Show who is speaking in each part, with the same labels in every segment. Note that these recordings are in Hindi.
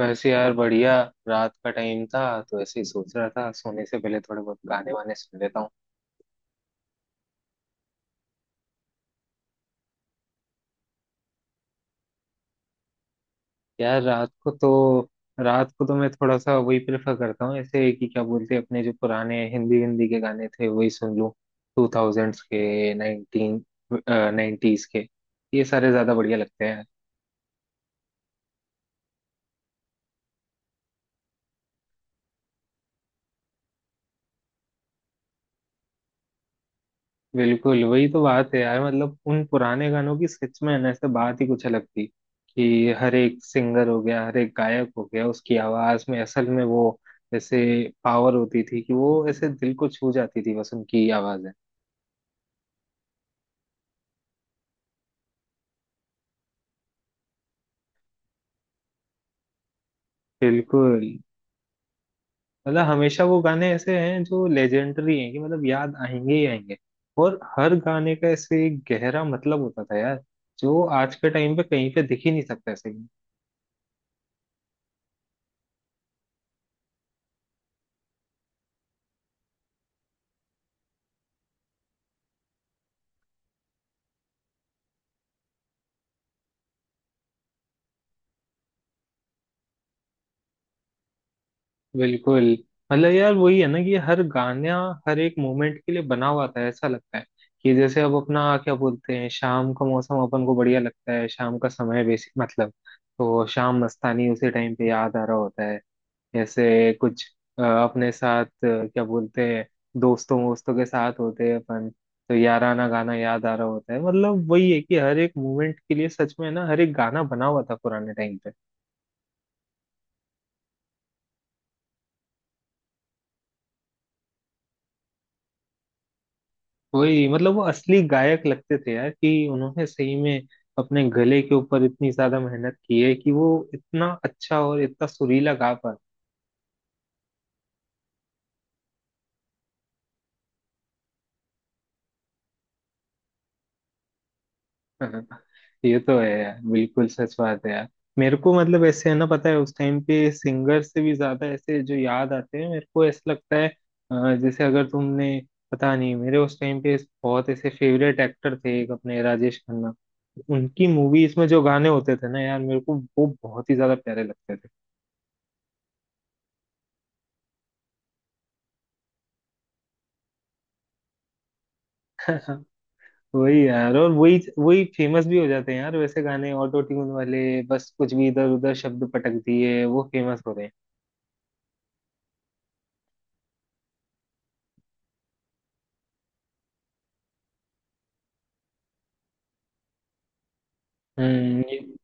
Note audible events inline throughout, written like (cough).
Speaker 1: वैसे यार बढ़िया। रात का टाइम था तो ऐसे ही सोच रहा था सोने से पहले थोड़े बहुत गाने वाने सुन लेता हूँ। यार रात को तो, मैं थोड़ा सा वही प्रेफर करता हूँ ऐसे कि क्या बोलते हैं, अपने जो पुराने हिंदी हिंदी के गाने थे वही सुन लूँ। 2000s के, 1990s के, ये सारे ज्यादा बढ़िया लगते हैं। बिल्कुल वही तो बात है यार, मतलब उन पुराने गानों की सच में ना ऐसे बात ही कुछ अलग थी। कि हर एक सिंगर हो गया, हर एक गायक हो गया, उसकी आवाज में असल में वो ऐसे पावर होती थी कि वो ऐसे दिल को छू जाती थी बस, उनकी आवाजें। बिल्कुल। मतलब हमेशा वो गाने ऐसे हैं जो लेजेंडरी हैं, कि मतलब याद आएंगे ही आएंगे। और हर गाने का ऐसे एक गहरा मतलब होता था यार, जो आज के टाइम पे कहीं पे दिख ही नहीं सकता ऐसे। बिल्कुल। मतलब यार वही है ना कि हर गाना, हर एक मोमेंट के लिए बना हुआ था ऐसा लगता है। कि जैसे अब अपना क्या बोलते हैं, शाम का मौसम अपन को बढ़िया लगता है, शाम का समय बेसिक मतलब, तो शाम मस्तानी उसी टाइम पे याद आ रहा होता है। जैसे कुछ अपने साथ, क्या बोलते हैं, दोस्तों वोस्तों के साथ होते हैं अपन, तो याराना गाना याद आ रहा होता है। मतलब वही है कि हर एक मोमेंट के लिए, सच में ना, हर एक गाना बना हुआ था पुराने टाइम पे। वही, मतलब वो असली गायक लगते थे यार, कि उन्होंने सही में अपने गले के ऊपर इतनी ज्यादा मेहनत की है कि वो इतना अच्छा और इतना सुरीला गा पाते हैं। (laughs) ये तो है यार, बिल्कुल सच बात है यार। मेरे को मतलब ऐसे है ना, पता है उस टाइम पे सिंगर से भी ज्यादा ऐसे जो याद आते हैं मेरे को, ऐसा लगता है जैसे अगर तुमने, पता नहीं, मेरे उस टाइम पे बहुत ऐसे फेवरेट एक्टर थे, एक अपने राजेश खन्ना। उनकी मूवीज में जो गाने होते थे ना यार, मेरे को वो बहुत ही ज्यादा प्यारे लगते थे। (laughs) वही यार, और वही वही फेमस भी हो जाते हैं यार वैसे गाने, ऑटो ट्यून वाले, बस कुछ भी इधर उधर शब्द पटक दिए वो फेमस हो रहे हैं। हम्म ये-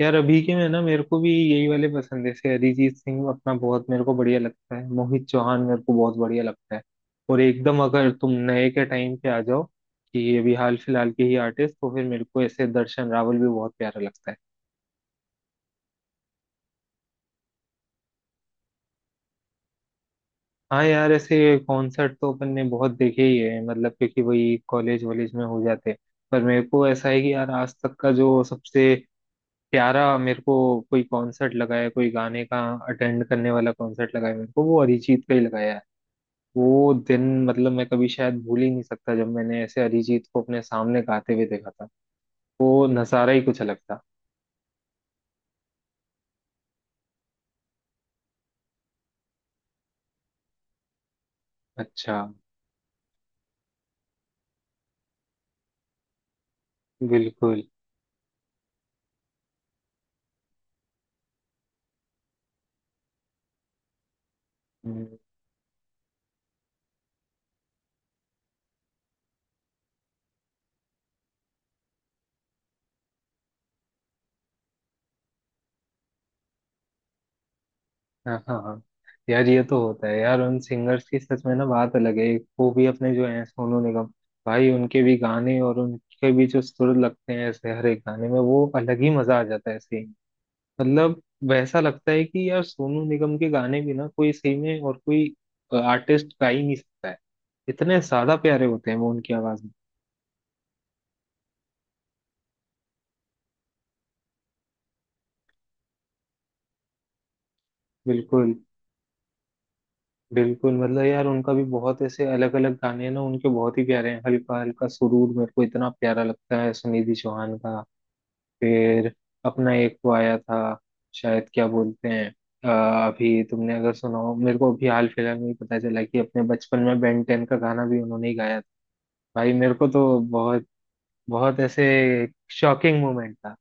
Speaker 1: यार अभी के में ना मेरे को भी यही वाले पसंद है, जैसे अरिजीत सिंह अपना बहुत मेरे को बढ़िया लगता है, मोहित चौहान मेरे को बहुत बढ़िया लगता है। और एकदम अगर तुम नए के टाइम पे आ जाओ, कि ये भी हाल फिलहाल के ही आर्टिस्ट, तो फिर मेरे को ऐसे दर्शन रावल भी बहुत प्यारा लगता है। हाँ यार, ऐसे कॉन्सर्ट तो अपन ने बहुत देखे ही है, मतलब क्योंकि वही कॉलेज वॉलेज में हो जाते हैं। पर मेरे को ऐसा है कि यार, आज तक का जो सबसे प्यारा मेरे को कोई कॉन्सर्ट लगा है, कोई गाने का अटेंड करने वाला कॉन्सर्ट लगा है, मेरे को वो अरिजीत का ही लगाया है। वो दिन मतलब मैं कभी शायद भूल ही नहीं सकता, जब मैंने ऐसे अरिजीत को अपने सामने गाते हुए देखा था, वो नज़ारा ही कुछ अलग था। अच्छा। बिल्कुल। हम्म। हाँ हाँ हाँ। यार ये तो होता है यार, उन सिंगर्स की सच में ना बात अलग है। एक वो भी अपने जो हैं सोनू निगम, भाई उनके भी गाने, और उनके भी जो सुर लगते हैं ऐसे हर एक गाने में, वो अलग ही मजा आ जाता है ऐसे ही। मतलब वैसा लगता है कि यार, सोनू निगम के गाने भी ना, कोई सही में और कोई आर्टिस्ट गा ही नहीं सकता है। इतने ज्यादा प्यारे होते हैं वो उनकी आवाज में। बिल्कुल बिल्कुल। मतलब यार उनका भी बहुत ऐसे अलग अलग गाने हैं ना, उनके बहुत ही प्यारे हैं। हल्का हल्का सुरूर मेरे को इतना प्यारा लगता है, सुनिधि चौहान का। फिर अपना एक वो आया था शायद, क्या बोलते हैं, अ, अभी तुमने अगर सुना हो, मेरे को अभी हाल फिलहाल में ही पता चला, कि अपने बचपन में बेन टेन का गाना भी उन्होंने ही गाया था। भाई मेरे को तो बहुत बहुत ऐसे शॉकिंग मोमेंट था।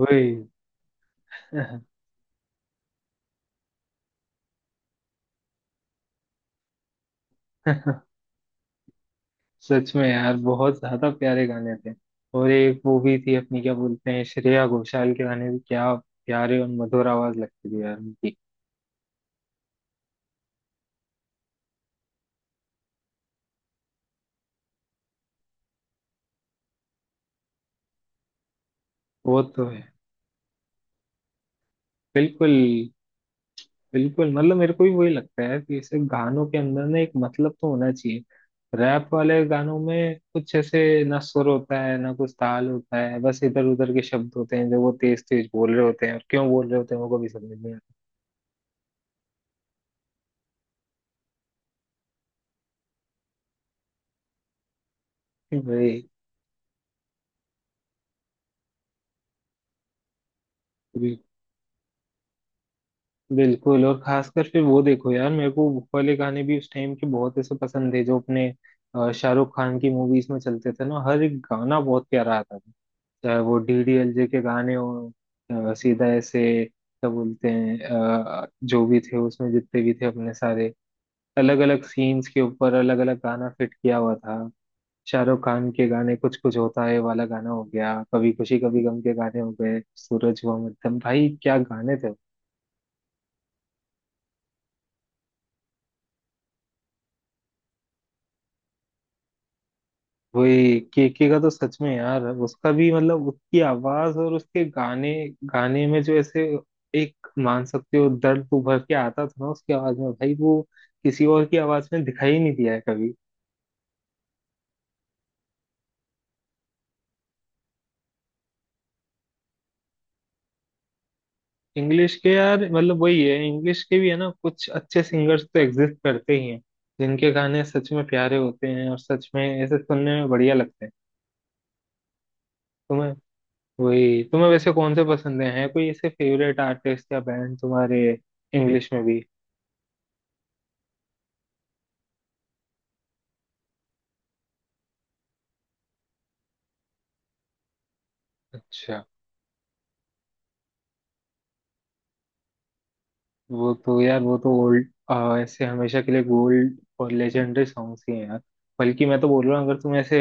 Speaker 1: वही। (laughs) सच में यार बहुत ज्यादा प्यारे गाने थे। और एक वो भी थी अपनी, क्या बोलते हैं, श्रेया घोषाल के गाने भी, क्या प्यारे और मधुर आवाज लगती थी यार उनकी। वो तो है। बिल्कुल बिल्कुल। मतलब मेरे को भी वही लगता है कि ऐसे गानों के अंदर ना एक मतलब तो होना चाहिए। रैप वाले गानों में कुछ ऐसे ना सुर होता है, ना कुछ ताल होता है, बस इधर उधर के शब्द होते हैं जो वो तेज तेज बोल रहे होते हैं, और क्यों बोल रहे होते हैं वो कभी समझ नहीं आता भाई। बिल- बिल्कुल। और खासकर फिर वो देखो यार, मेरे को वो वाले गाने भी उस टाइम के बहुत ऐसे पसंद थे, जो अपने शाहरुख खान की मूवीज में चलते थे ना, हर एक गाना बहुत प्यारा आता था। चाहे वो डीडीएलजे के गाने हो, सीधा ऐसे क्या बोलते हैं, जो भी थे उसमें जितने भी थे अपने सारे, अलग अलग सीन्स के ऊपर अलग अलग गाना फिट किया हुआ था। शाहरुख खान के गाने, कुछ कुछ होता है वाला गाना हो गया, कभी खुशी कभी गम के गाने हो गए, सूरज हुआ मध्यम, भाई क्या गाने थे। वही, केके का तो सच में यार, उसका भी मतलब उसकी आवाज और उसके गाने, गाने में जो ऐसे एक मान सकते हो दर्द तो उभर के आता था ना उसकी आवाज में भाई, वो किसी और की आवाज में दिखाई नहीं दिया है कभी। इंग्लिश के यार, मतलब वही है, इंग्लिश के भी है ना कुछ अच्छे सिंगर्स तो एग्जिस्ट करते ही हैं, जिनके गाने सच में प्यारे होते हैं और सच में ऐसे सुनने में बढ़िया लगते हैं। तुम्हें, वही तुम्हें वैसे कौन से पसंद हैं, है कोई ऐसे फेवरेट आर्टिस्ट या बैंड तुम्हारे इंग्लिश में भी? अच्छा। वो तो यार, वो तो ओल्ड ऐसे हमेशा के लिए गोल्ड और लेजेंडरी सॉन्ग्स ही हैं यार। बल्कि मैं तो बोल रहा हूँ, अगर तुम ऐसे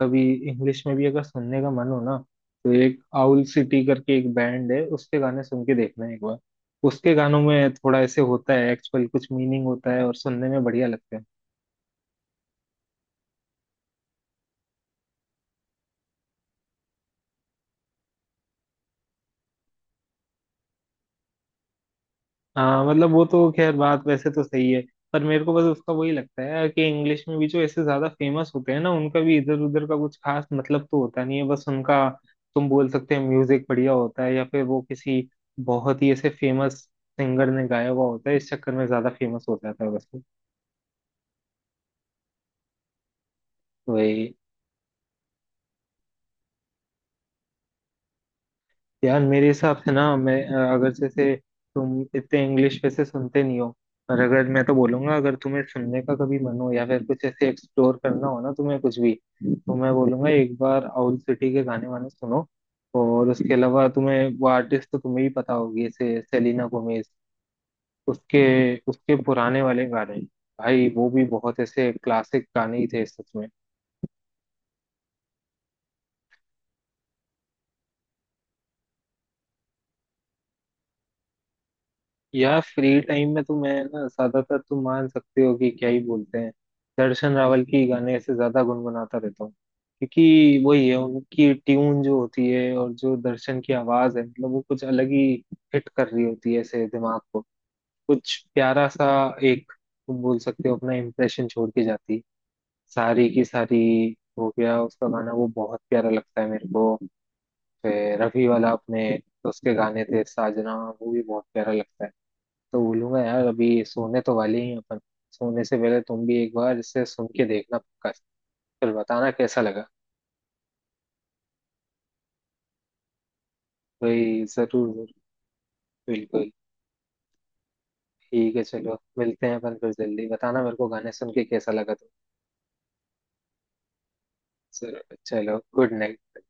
Speaker 1: कभी इंग्लिश में भी अगर सुनने का मन हो ना, तो एक आउल सिटी करके एक बैंड है, उसके गाने सुन के देखना एक बार। उसके गानों में थोड़ा ऐसे होता है, एक्चुअल कुछ मीनिंग होता है, और सुनने में बढ़िया लगता है। हाँ, मतलब वो तो खैर बात वैसे तो सही है। पर मेरे को बस उसका वही लगता है कि इंग्लिश में भी जो ऐसे ज्यादा फेमस होते हैं ना, उनका भी इधर उधर का कुछ खास मतलब तो होता नहीं है, बस उनका, तुम बोल सकते हैं, म्यूजिक बढ़िया होता है, या फिर वो किसी बहुत ही ऐसे फेमस सिंगर ने गाया हुआ होता है, इस चक्कर में ज्यादा फेमस हो जाता है बस। वही यार, मेरे हिसाब से ना मैं, अगर जैसे तुम इतने इंग्लिश वैसे सुनते नहीं हो, पर अगर मैं तो बोलूंगा, अगर तुम्हें सुनने का कभी मन हो या फिर कुछ ऐसे एक्सप्लोर करना हो ना तुम्हें कुछ भी, तो मैं बोलूंगा एक बार आउल सिटी के गाने वाने सुनो। और उसके अलावा तुम्हें वो आर्टिस्ट तो तुम्हें भी पता होगी, जैसे सेलिना गोमेज। उसके उसके पुराने वाले गाने, भाई वो भी बहुत ऐसे क्लासिक गाने ही थे सच में। यार फ्री टाइम में तो मैं ना, ज्यादातर तुम मान सकते हो कि क्या ही बोलते हैं, दर्शन रावल की गाने से ज्यादा गुनगुनाता रहता हूँ। क्योंकि वही है, उनकी ट्यून जो होती है और जो दर्शन की आवाज है, मतलब वो कुछ अलग ही हिट कर रही होती है ऐसे दिमाग को, कुछ प्यारा सा एक, तुम बोल सकते हो, अपना इम्प्रेशन छोड़ के जाती है। सारी की सारी हो गया उसका गाना, वो बहुत प्यारा लगता है मेरे को। फिर रफी वाला अपने, तो उसके गाने थे साजना, वो भी बहुत प्यारा लगता है। तो बोलूंगा यार, अभी सोने तो वाले ही हैं अपन, सोने से पहले तुम भी एक बार इसे सुन के देखना पक्का। फिर बताना कैसा लगा। भाई जरूर जरूर। बिल्कुल। ठीक है, चलो मिलते हैं अपन फिर, जल्दी बताना मेरे को गाने सुन के कैसा लगा तुम। जरूर, चलो गुड नाइट।